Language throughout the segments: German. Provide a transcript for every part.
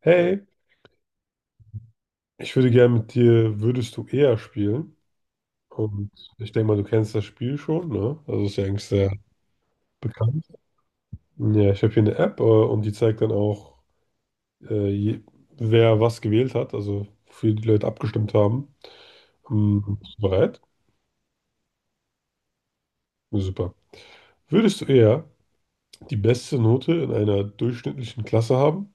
Hey, ich würde gerne mit dir Würdest du eher spielen? Und ich denke mal, du kennst das Spiel schon, ne? Also ist ja eigentlich sehr bekannt. Ja, ich habe hier eine App, und die zeigt dann auch, äh, je, wer was gewählt hat, also wofür die Leute abgestimmt haben. Bist du bereit? Ja, super. Würdest du eher die beste Note in einer durchschnittlichen Klasse haben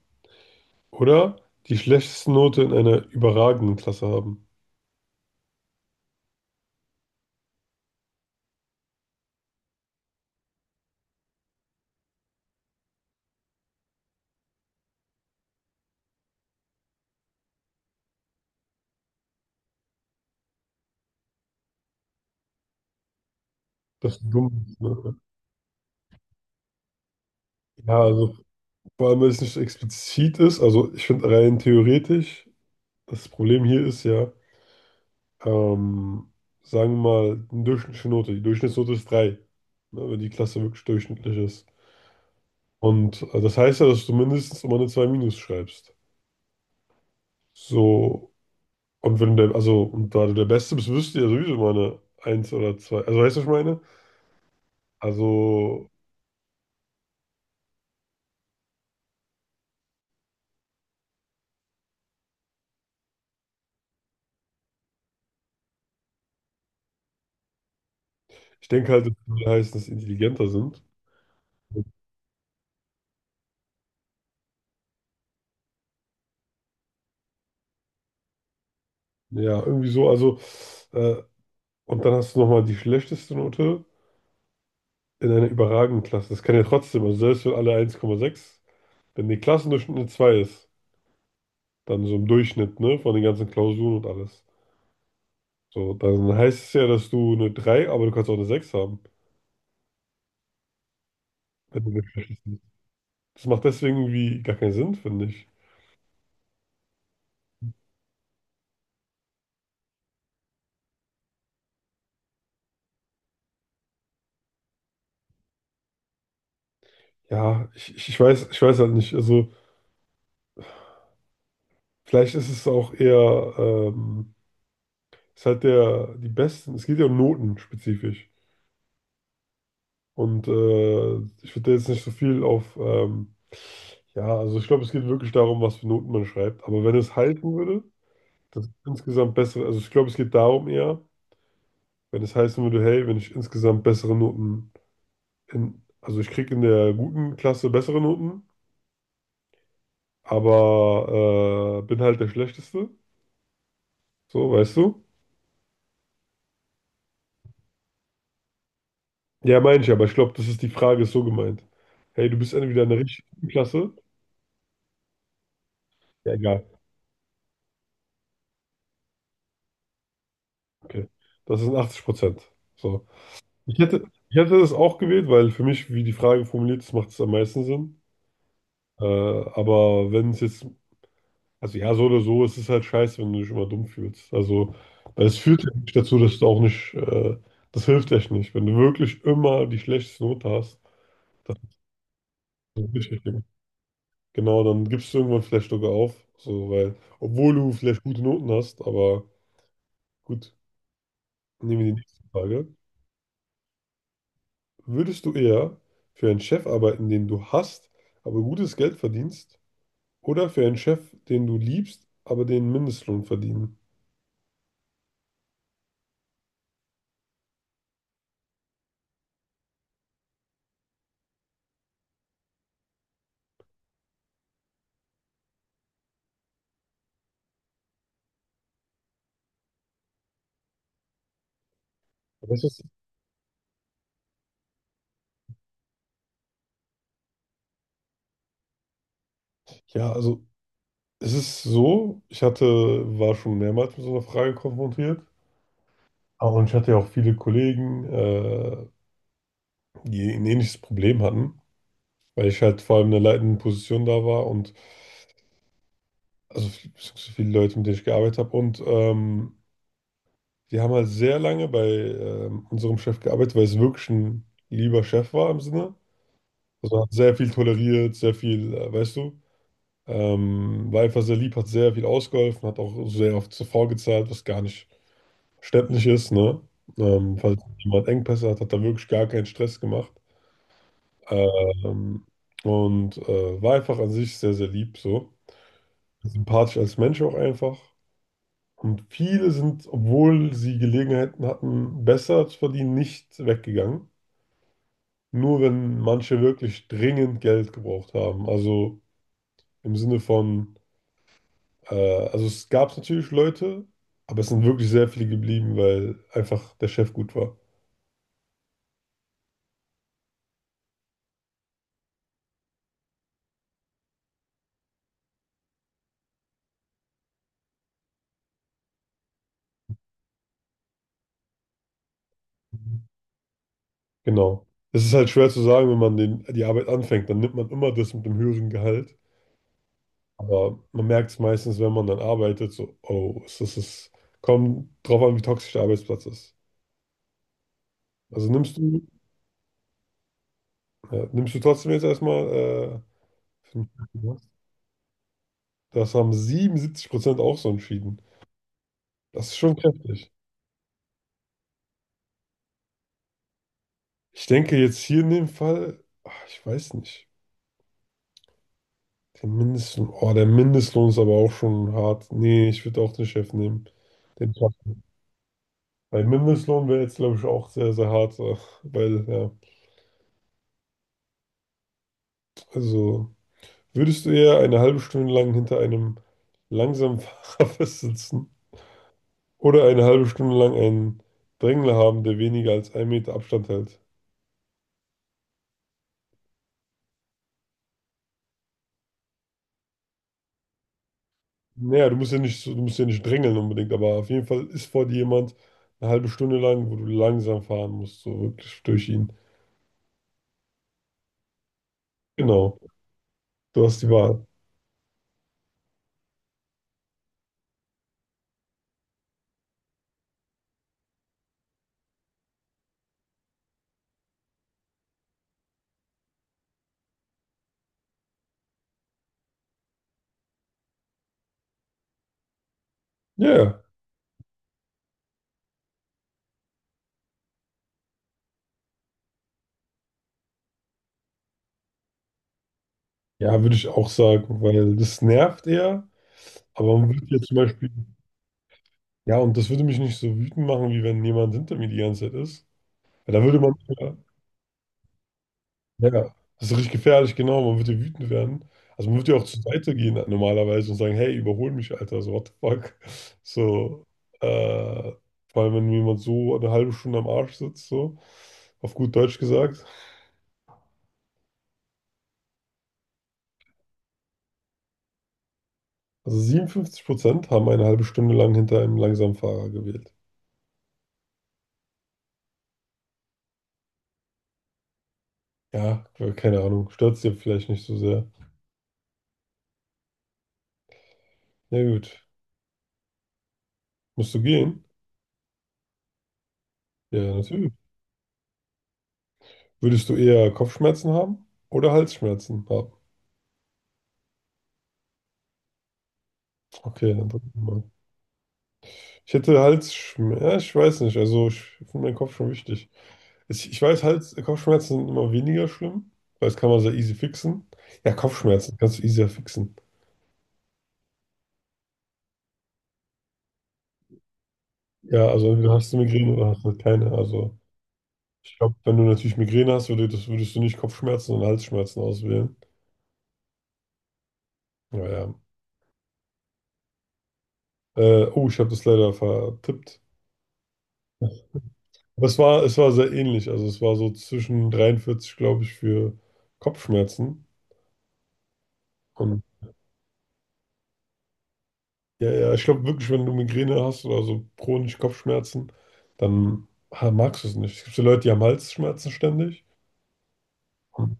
oder die schlechteste Note in einer überragenden Klasse haben? Das ist dumm, ne? Ja, also vor allem, weil es nicht explizit ist. Also ich finde rein theoretisch, das Problem hier ist ja, ähm, sagen wir mal, eine durchschnittliche Note. Die Durchschnittsnote ist 3, ne, wenn die Klasse wirklich durchschnittlich ist. Und das heißt ja, dass du mindestens immer eine 2 minus schreibst. So, und wenn der, also, und da du der Beste bist, wirst du ja sowieso immer eine eins oder 2. Also weißt du, was ich meine? Also, ich denke halt, das würde heißen, dass die intelligenter sind. Ja, irgendwie so. Also, äh, und dann hast du nochmal die schlechteste Note in einer überragenden Klasse. Das kann ja trotzdem, also selbst wenn alle 1,6, wenn die Klassendurchschnitt eine 2 ist, dann so im Durchschnitt, ne, von den ganzen Klausuren und alles. So, dann heißt es ja, dass du eine drei, aber du kannst auch eine 6 haben, wenn du nicht schlecht bist. Das macht deswegen irgendwie gar keinen Sinn, finde ich. Ja, ich weiß halt nicht. Also, vielleicht ist es auch eher, ist halt der, die besten, es geht ja um Noten spezifisch. Und ich würde da jetzt nicht so viel auf, ja, also ich glaube, es geht wirklich darum, was für Noten man schreibt. Aber wenn es halten würde, das ist insgesamt bessere, also ich glaube, es geht darum eher, wenn es heißen würde, hey, wenn ich insgesamt bessere Noten in, also ich kriege in der guten Klasse bessere Noten, aber bin halt der Schlechteste, so, weißt du? Ja, meine ich, aber ich glaube, das ist die Frage, ist so gemeint. Hey, du bist entweder in der richtig guten Klasse, ja, egal, okay, das sind 80%. So. Ich hätte, Ich hätte das auch gewählt, weil für mich, wie die Frage formuliert ist, macht es am meisten Sinn. Aber wenn es jetzt, also ja, so oder so, es ist halt scheiße, wenn du dich immer dumm fühlst. Also, weil es führt ja nicht dazu, dass du auch nicht, das hilft echt nicht. Wenn du wirklich immer die schlechteste Note hast, das ist so richtig schlimm. Genau, dann gibst du irgendwann vielleicht sogar auf. So, weil, obwohl du vielleicht gute Noten hast, aber gut, nehmen wir die nächste Frage. Würdest du eher für einen Chef arbeiten, den du hasst, aber gutes Geld verdienst? Oder für einen Chef, den du liebst, aber den Mindestlohn verdienen. Weißt du, was ich- Ja, also es ist so, war schon mehrmals mit so einer Frage konfrontiert. Und ich hatte ja auch viele Kollegen, die ein ähnliches Problem hatten, weil ich halt vor allem in einer leitenden Position da war und also so viele Leute, mit denen ich gearbeitet habe. Und die haben halt sehr lange bei unserem Chef gearbeitet, weil es wirklich ein lieber Chef war im Sinne. Also er hat sehr viel toleriert, sehr viel, weißt du. War einfach sehr lieb, hat sehr viel ausgeholfen, hat auch sehr oft zuvor gezahlt, was gar nicht verständlich ist, ne? Falls jemand Engpässe hat, hat er wirklich gar keinen Stress gemacht. Ähm, und war einfach an sich sehr, sehr lieb, so. Sympathisch als Mensch auch einfach. Und viele sind, obwohl sie Gelegenheiten hatten, besser zu verdienen, nicht weggegangen. Nur wenn manche wirklich dringend Geld gebraucht haben. Also im Sinne von. Also es gab natürlich Leute, aber es sind wirklich sehr viele geblieben, weil einfach der Chef gut war. Genau. Es ist halt schwer zu sagen, wenn man den, die Arbeit anfängt, dann nimmt man immer das mit dem höheren Gehalt. Aber man merkt es meistens, wenn man dann arbeitet, so, oh, es kommt drauf an, wie toxisch der Arbeitsplatz ist. Also nimmst du Ja, nimmst du trotzdem jetzt erstmal, fünf das haben 77% auch so entschieden. Das ist schon kräftig. Ich denke jetzt hier in dem Fall, ich weiß nicht. Der Mindestlohn, oh, der Mindestlohn ist aber auch schon hart. Nee, ich würde auch den Chef nehmen. Den Chef. Weil Mindestlohn wäre jetzt, glaube ich, auch sehr, sehr hart. Weil, ja, also würdest du eher eine halbe Stunde lang hinter einem langsamen Fahrer festsitzen oder eine halbe Stunde lang einen Drängler haben, der weniger als einen Meter Abstand hält? Naja, du musst ja nicht drängeln unbedingt, aber auf jeden Fall ist vor dir jemand eine halbe Stunde lang, wo du langsam fahren musst, so wirklich durch ihn. Genau, du hast die Wahl. Ja, ja, ja, würde ich auch sagen, weil das nervt eher, aber man würde jetzt zum Beispiel, ja, und das würde mich nicht so wütend machen, wie wenn jemand hinter mir die ganze Zeit ist. Weil da würde man, ja. Ja, das ist richtig gefährlich, genau. Man wird ja wütend werden. Also man wird ja auch zur Seite gehen normalerweise und sagen, hey, überhol mich, Alter, so what the fuck. So, äh, vor allem, wenn mir jemand so eine halbe Stunde am Arsch sitzt, so, auf gut Deutsch gesagt. Also 57% haben eine halbe Stunde lang hinter einem langsamen Fahrer gewählt. Ja, keine Ahnung, stört dir vielleicht nicht so sehr. Na gut, musst du gehen? Ja, natürlich. Würdest du eher Kopfschmerzen haben oder Halsschmerzen haben? Okay, dann drücken wir mal. Ich hätte Halsschmerzen, ja, ich weiß nicht, also ich finde meinen Kopf schon wichtig. Ich weiß, Kopfschmerzen sind immer weniger schlimm, weil das kann man sehr easy fixen. Ja, Kopfschmerzen kannst du easier fixen. Ja, also entweder hast du Migräne oder hast du keine. Also ich glaube, wenn du natürlich Migräne hast, würdest du nicht Kopfschmerzen, sondern Halsschmerzen auswählen. Naja. Oh, ich habe das leider vertippt. Aber es war sehr ähnlich. Also es war so zwischen 43, glaube ich, für Kopfschmerzen und Ja, ja, ich glaube wirklich, wenn du Migräne hast oder so chronische Kopfschmerzen, dann magst du es nicht. Es gibt so Leute, die haben Halsschmerzen ständig. Hm.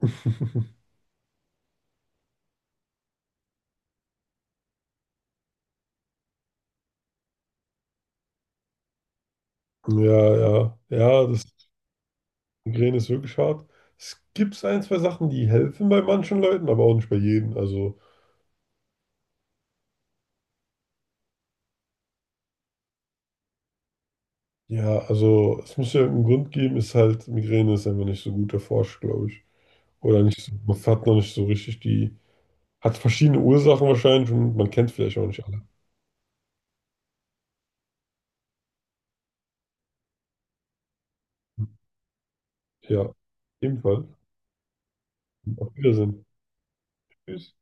Ja, ja, ja, das Migräne ist wirklich hart. Es gibt ein, zwei Sachen, die helfen bei manchen Leuten, aber auch nicht bei jedem. Also, ja, also es muss ja irgendeinen Grund geben, ist halt, Migräne ist einfach nicht so gut erforscht, glaube ich. Oder nicht so, man hat noch nicht so richtig die, hat verschiedene Ursachen wahrscheinlich und man kennt vielleicht auch nicht alle. Ja, ebenfalls. Auf Wiedersehen. Tschüss.